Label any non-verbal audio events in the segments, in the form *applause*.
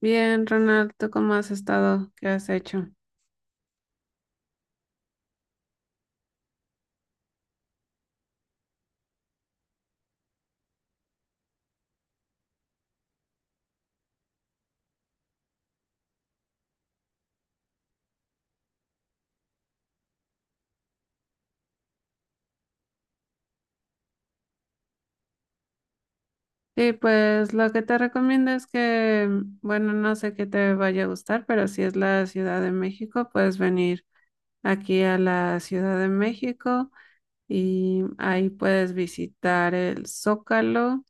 Bien, Ronald, ¿tú cómo has estado? ¿Qué has hecho? Sí, pues lo que te recomiendo es que, bueno, no sé qué te vaya a gustar, pero si es la Ciudad de México, puedes venir aquí a la Ciudad de México y ahí puedes visitar el Zócalo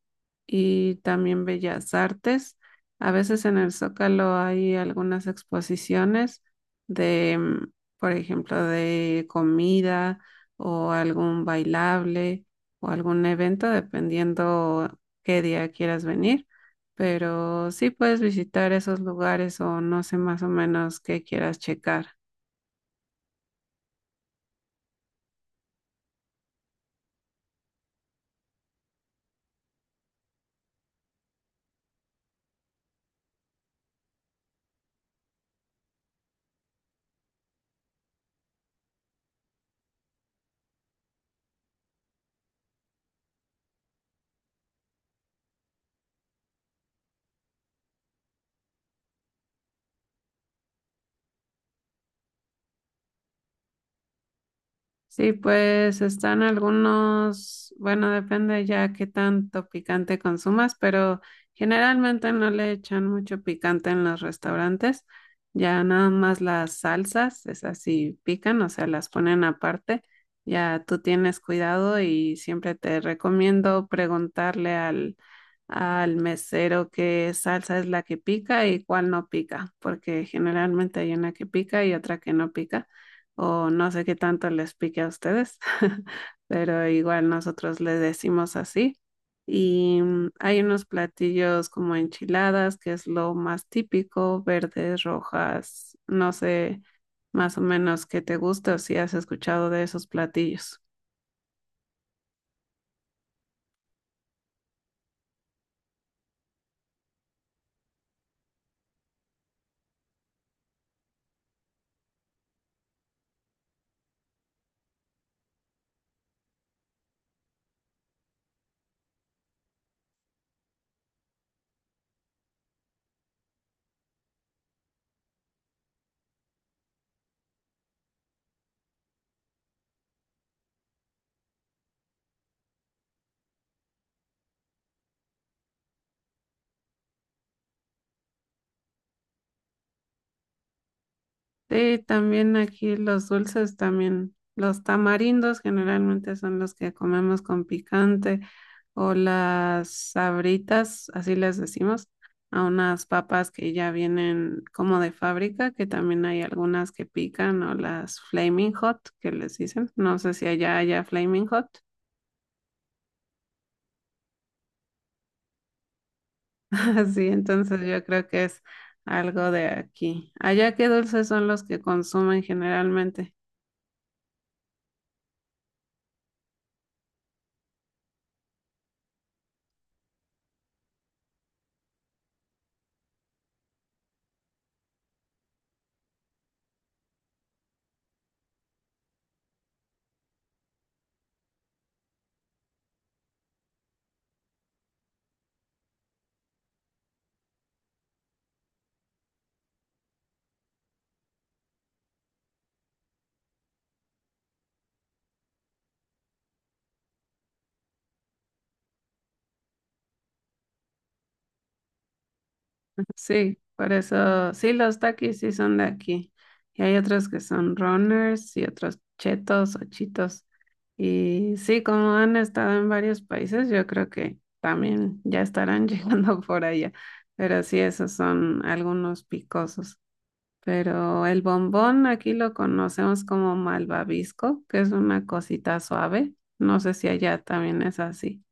y también Bellas Artes. A veces en el Zócalo hay algunas exposiciones de, por ejemplo, de comida o algún bailable o algún evento, dependiendo qué día quieras venir. Pero sí puedes visitar esos lugares o no sé más o menos qué quieras checar. Sí, pues están algunos, bueno, depende ya qué tanto picante consumas, pero generalmente no le echan mucho picante en los restaurantes, ya nada más las salsas, esas sí pican, o sea, las ponen aparte, ya tú tienes cuidado y siempre te recomiendo preguntarle al, al mesero qué salsa es la que pica y cuál no pica, porque generalmente hay una que pica y otra que no pica o no sé qué tanto les pique a ustedes, *laughs* pero igual nosotros le decimos así. Y hay unos platillos como enchiladas, que es lo más típico, verdes, rojas, no sé más o menos qué te gusta o si has escuchado de esos platillos. Sí, también aquí los dulces, también los tamarindos generalmente son los que comemos con picante o las sabritas, así les decimos, a unas papas que ya vienen como de fábrica, que también hay algunas que pican o las flaming hot que les dicen. No sé si allá haya flaming hot. *laughs* Así, entonces yo creo que es algo de aquí. ¿Allá qué dulces son los que consumen generalmente? Sí, por eso, sí, los Takis sí son de aquí. Y hay otros que son runners y otros chetos o chitos. Y sí, como han estado en varios países, yo creo que también ya estarán *laughs* llegando por allá. Pero sí, esos son algunos picosos. Pero el bombón aquí lo conocemos como malvavisco, que es una cosita suave. No sé si allá también es así.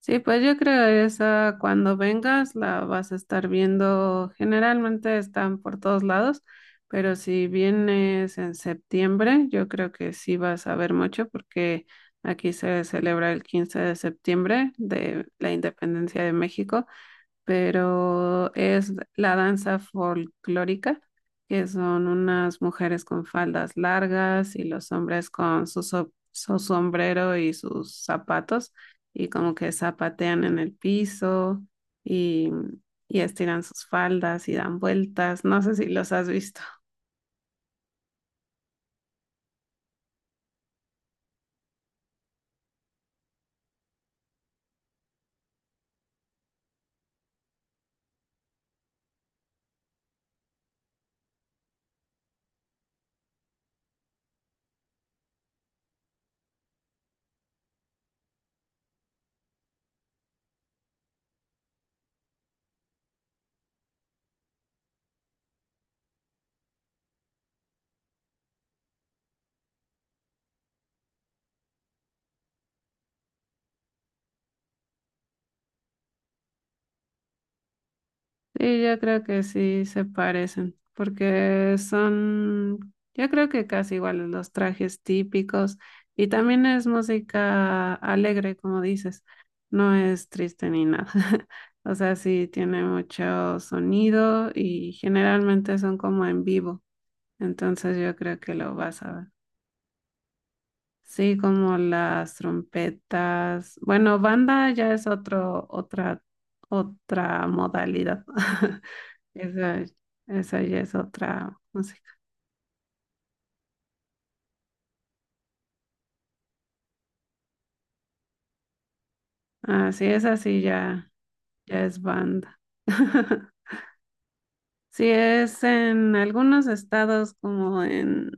Sí, pues yo creo esa cuando vengas la vas a estar viendo. Generalmente están por todos lados, pero si vienes en septiembre, yo creo que sí vas a ver mucho porque aquí se celebra el 15 de septiembre de la independencia de México pero es la danza folclórica, que son unas mujeres con faldas largas y los hombres con su sombrero y sus zapatos y como que zapatean en el piso y, y estiran sus faldas y dan vueltas. No sé si los has visto. Sí, yo creo que sí se parecen, porque son, yo creo que casi iguales los trajes típicos y también es música alegre, como dices, no es triste ni nada. *laughs* O sea, sí tiene mucho sonido y generalmente son como en vivo, entonces yo creo que lo vas a ver. Sí, como las trompetas. Bueno, banda ya es otra modalidad. *laughs* Esa, esa ya es otra música. Así es, así ya es banda. *laughs* Sí, es en algunos estados como en,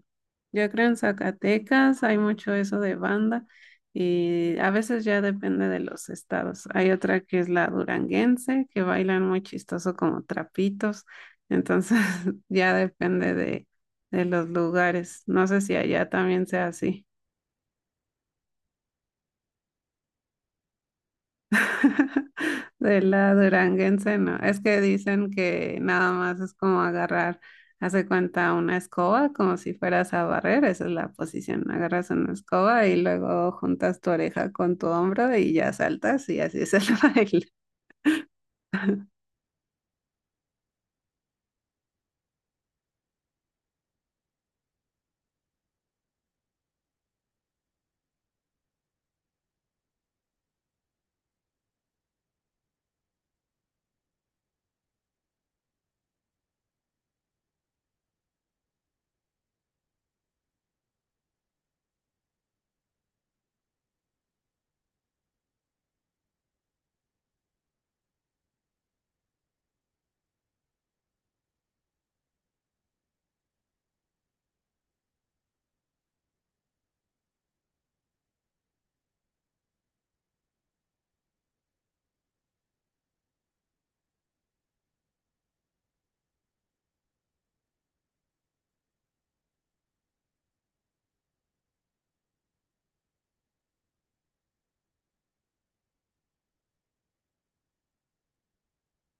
yo creo en Zacatecas hay mucho eso de banda y a veces ya depende de los estados. Hay otra que es la duranguense, que bailan muy chistoso como trapitos, entonces *laughs* ya depende de los lugares. No sé si allá también sea así. *laughs* De la duranguense, no. Es que dicen que nada más es como agarrar, hace cuenta una escoba, como si fueras a barrer, esa es la posición. Agarras una escoba y luego juntas tu oreja con tu hombro y ya saltas y así es el *laughs* baile.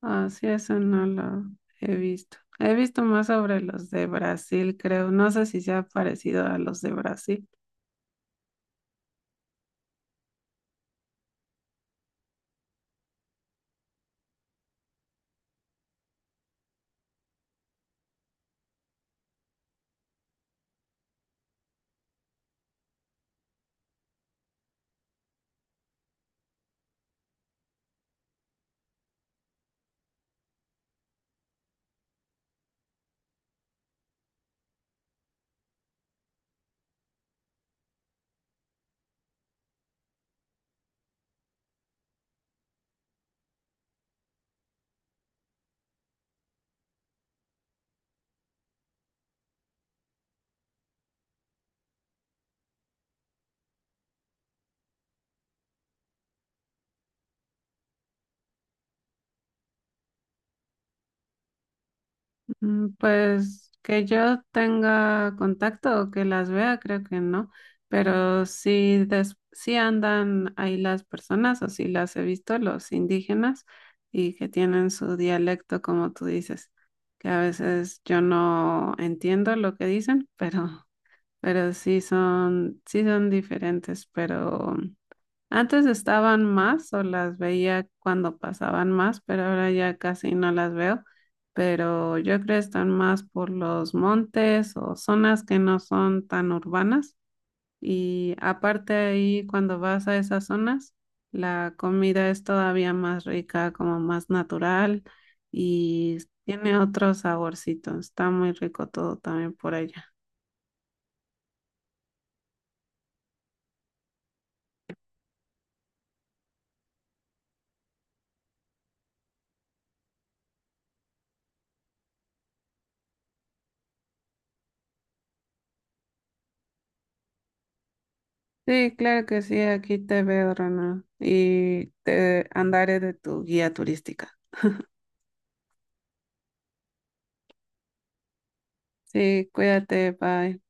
Ah, sí, eso no lo he visto. He visto más sobre los de Brasil, creo. No sé si sea parecido a los de Brasil. Mm, pues que yo tenga contacto o que las vea, creo que no, pero sí, sí andan ahí las personas o sí las he visto, los indígenas, y que tienen su dialecto, como tú dices, que a veces yo no entiendo lo que dicen, pero, pero sí son diferentes, pero antes estaban más o las veía cuando pasaban más, pero ahora ya casi no las veo. Pero yo creo que están más por los montes o zonas que no son tan urbanas. Y aparte ahí, cuando vas a esas zonas, la comida es todavía más rica, como más natural y tiene otro saborcito. Está muy rico todo también por allá. Sí, claro que sí, aquí te veo, Ronald, y te andaré de tu guía turística. Sí, cuídate, bye.